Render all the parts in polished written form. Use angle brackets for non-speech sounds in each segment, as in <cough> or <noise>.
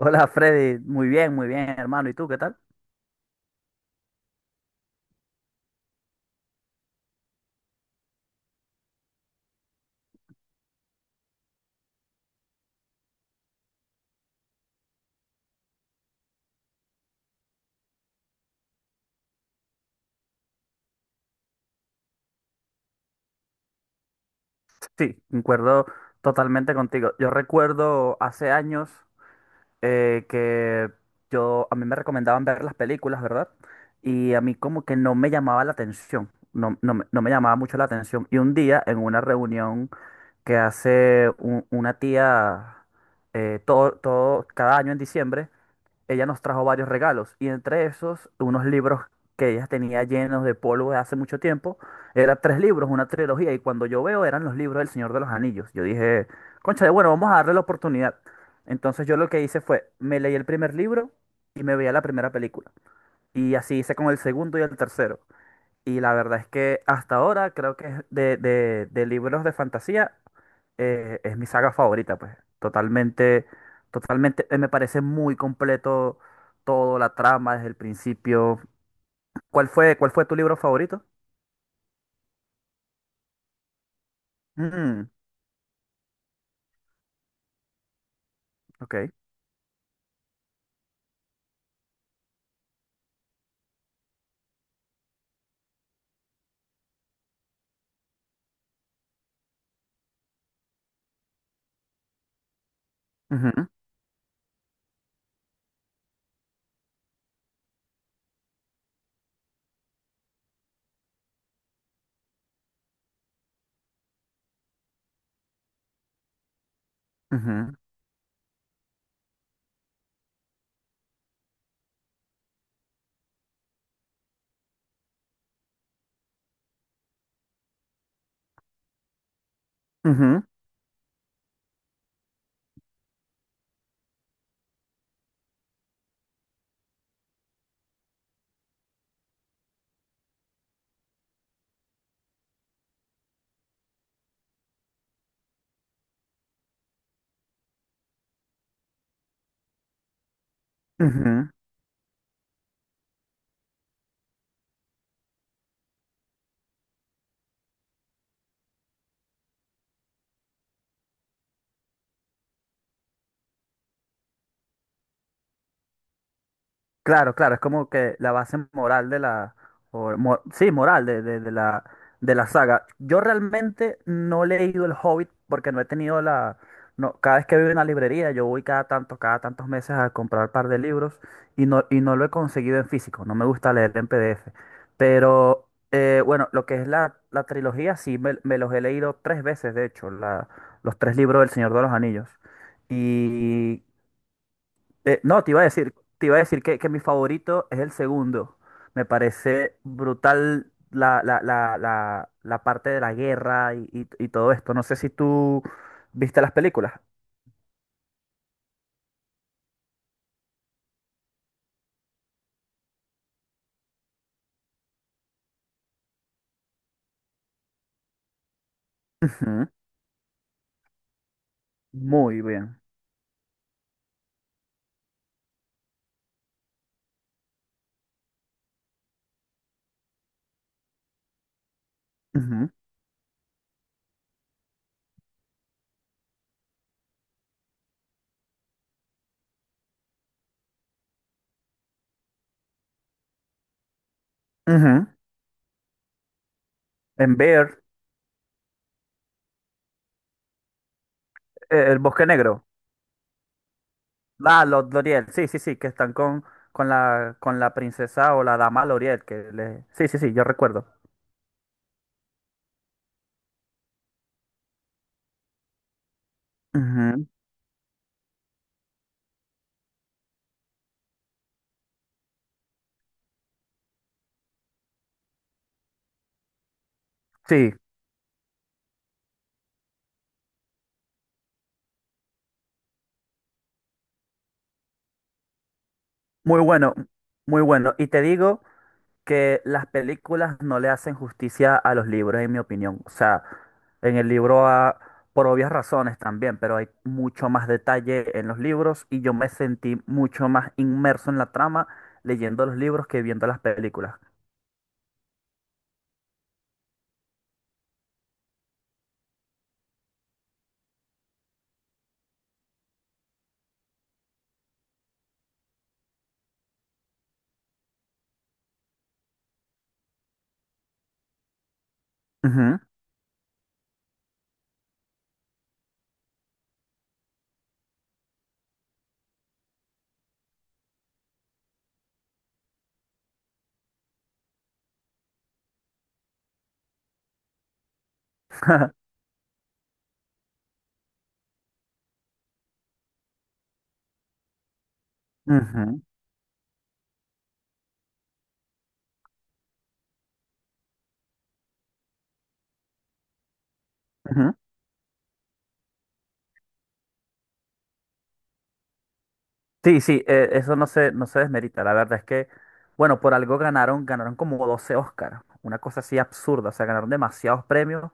Hola Freddy, muy bien hermano. ¿Y tú qué tal? Sí, concuerdo totalmente contigo. Yo recuerdo hace años, que yo, a mí me recomendaban ver las películas, ¿verdad? Y a mí como que no me llamaba la atención, no, no, me no me llamaba mucho la atención. Y un día en una reunión que hace una tía, todo, cada año en diciembre, ella nos trajo varios regalos y entre esos unos libros que ella tenía llenos de polvo de hace mucho tiempo. Eran tres libros, una trilogía y cuando yo veo eran los libros del Señor de los Anillos. Yo dije, concha bueno, vamos a darle la oportunidad. Entonces yo lo que hice fue, me leí el primer libro y me veía la primera película. Y así hice con el segundo y el tercero. Y la verdad es que hasta ahora creo que es de libros de fantasía, es mi saga favorita, pues. Totalmente, totalmente, me parece muy completo todo, la trama desde el principio. ¿Cuál fue tu libro favorito? Mm, ok. Ujú, ujú, ujú, ujú. Claro, claro, es como que la base moral sí, moral de de la saga. Yo realmente no he leído El Hobbit porque no he tenido no, cada vez que voy a una librería, yo voy cada tanto, cada tantos meses a comprar un par de libros y no lo he conseguido en físico, no me gusta leer en PDF. Pero bueno, lo que es la trilogía, sí, me los he leído tres veces, de hecho, los tres libros del Señor de los Anillos. No, te iba a decir, te iba a decir que mi favorito es el segundo. Me parece brutal la parte de la guerra y todo esto. No sé si tú viste las películas. Ujú. Muy bien. Ujú, ujú. En Bear, el Bosque Negro. Ah, los L'Oriel. Sí, sí, sí, que están con con la princesa o la dama L'Oriel. Que le... Sí, sí, sí, yo recuerdo. Ujú. Sí, muy bueno, muy bueno. Y te digo que las películas no le hacen justicia a los libros, en mi opinión. O sea, en el libro, ah, por obvias razones también, pero hay mucho más detalle en los libros y yo me sentí mucho más inmerso en la trama leyendo los libros que viendo las películas. Ujú, <laughs> ujú, ujú. Sí, sí, eso no se, no se desmerita. La verdad es que, bueno, por algo ganaron, ganaron como 12 Oscars. Una cosa así absurda. O sea, ganaron demasiados premios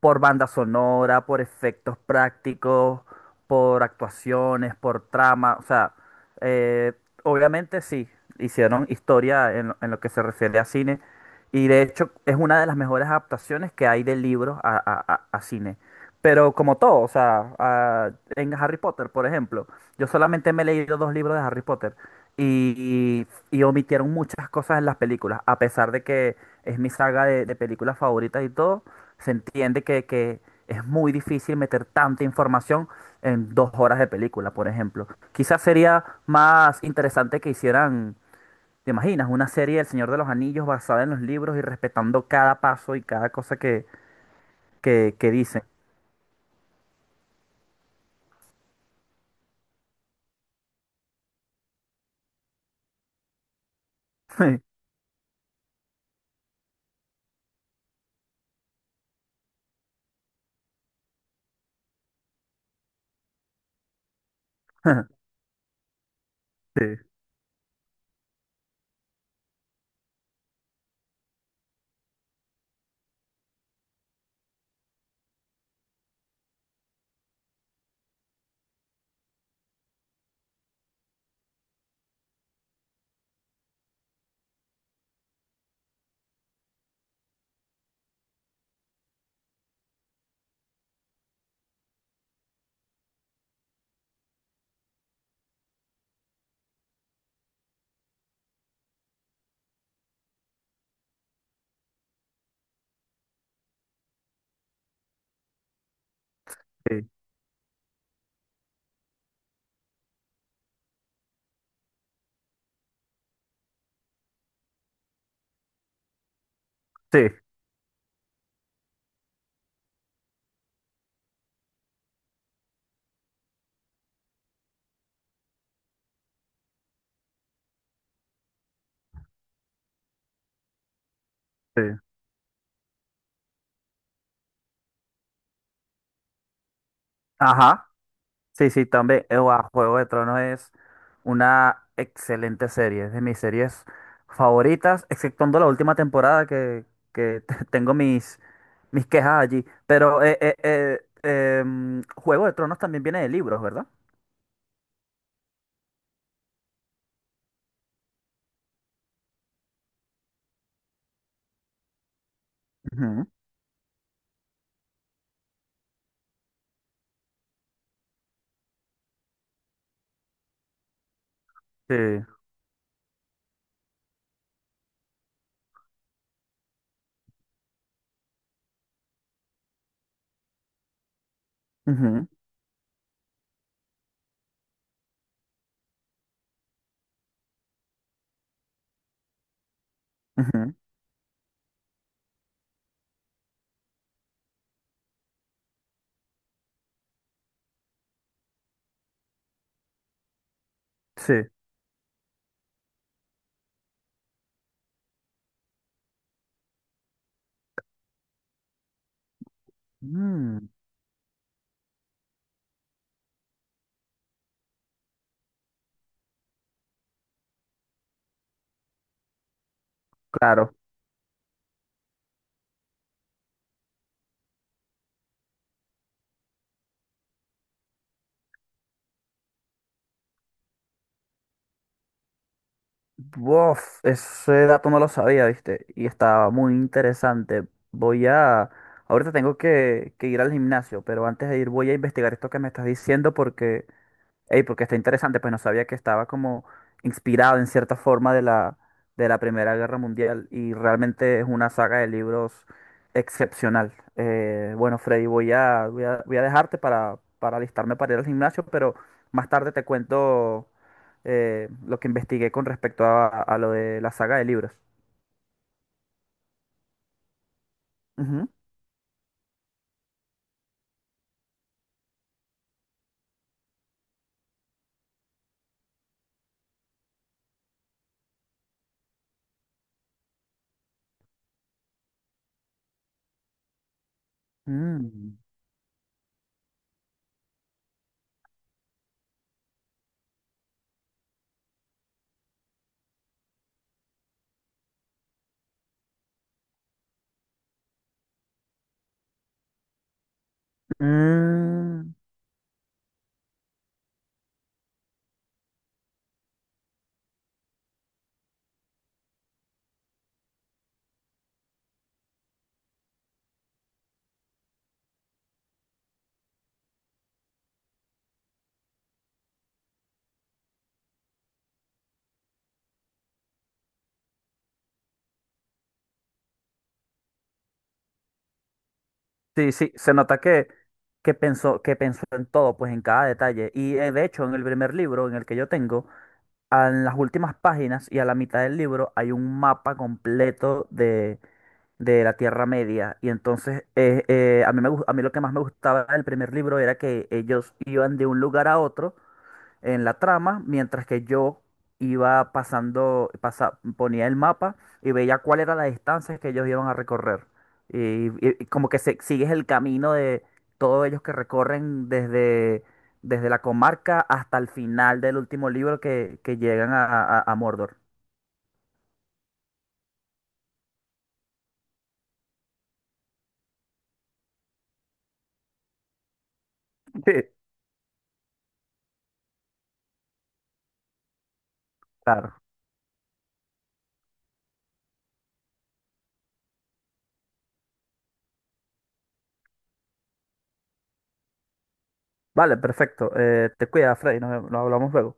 por banda sonora, por efectos prácticos, por actuaciones, por trama. O sea, eh, obviamente sí, hicieron historia en lo que se refiere a cine. Y de hecho, es una de las mejores adaptaciones que hay de libros a cine. Pero como todo, o sea, a- en Harry Potter, por ejemplo. Yo solamente me he leído dos libros de Harry Potter y omitieron muchas cosas en las películas. A pesar de que es mi saga de películas favoritas y todo, se entiende que es muy difícil meter tanta información en dos horas de película, por ejemplo. Quizás sería más interesante que hicieran, ¿te imaginas? Una serie del Señor de los Anillos basada en los libros y respetando cada paso y cada cosa que dicen. <laughs> Sí, sí, sí, sí. Ajá. Sí, sí, también. Guau, Juego de Tronos es una excelente serie. Es de mis series favoritas, exceptuando la última temporada que <laughs> te- tengo mis, mis quejas allí. Pero Juego de Tronos también viene de libros, ¿verdad? Ujú. Sí. Ujú, ujú. Sí. Mm, claro. Bof, ese dato no lo sabía, ¿viste? Y estaba muy interesante. Voy a... Ahorita tengo que ir al gimnasio, pero antes de ir voy a investigar esto que me estás diciendo porque ey, porque está interesante, pues no sabía que estaba como inspirado en cierta forma de la Primera Guerra Mundial y realmente es una saga de libros excepcional. Bueno, Freddy, voy a dejarte para alistarme para ir al gimnasio, pero más tarde te cuento lo que investigué con respecto a lo de la saga de libros. Ujú. Mm. Mm. Sí, sí, se nota que pensó en todo, pues en cada detalle. Y de hecho, en el primer libro, en el que yo tengo, a- en las últimas páginas y a la mitad del libro hay un mapa completo de la Tierra Media. Y entonces, a mí me, gus- a mí lo que más me gustaba del primer libro era que ellos iban de un lugar a otro en la trama, mientras que yo iba pasando, pasa- ponía el mapa y veía cuál era la distancia que ellos iban a recorrer. Y como que se- sigues el camino de todos ellos que recorren desde, desde la comarca hasta el final del último libro que llegan a, a Mordor. Sí, claro. Vale, perfecto. Te cuidas, Freddy. Nos nos hablamos luego.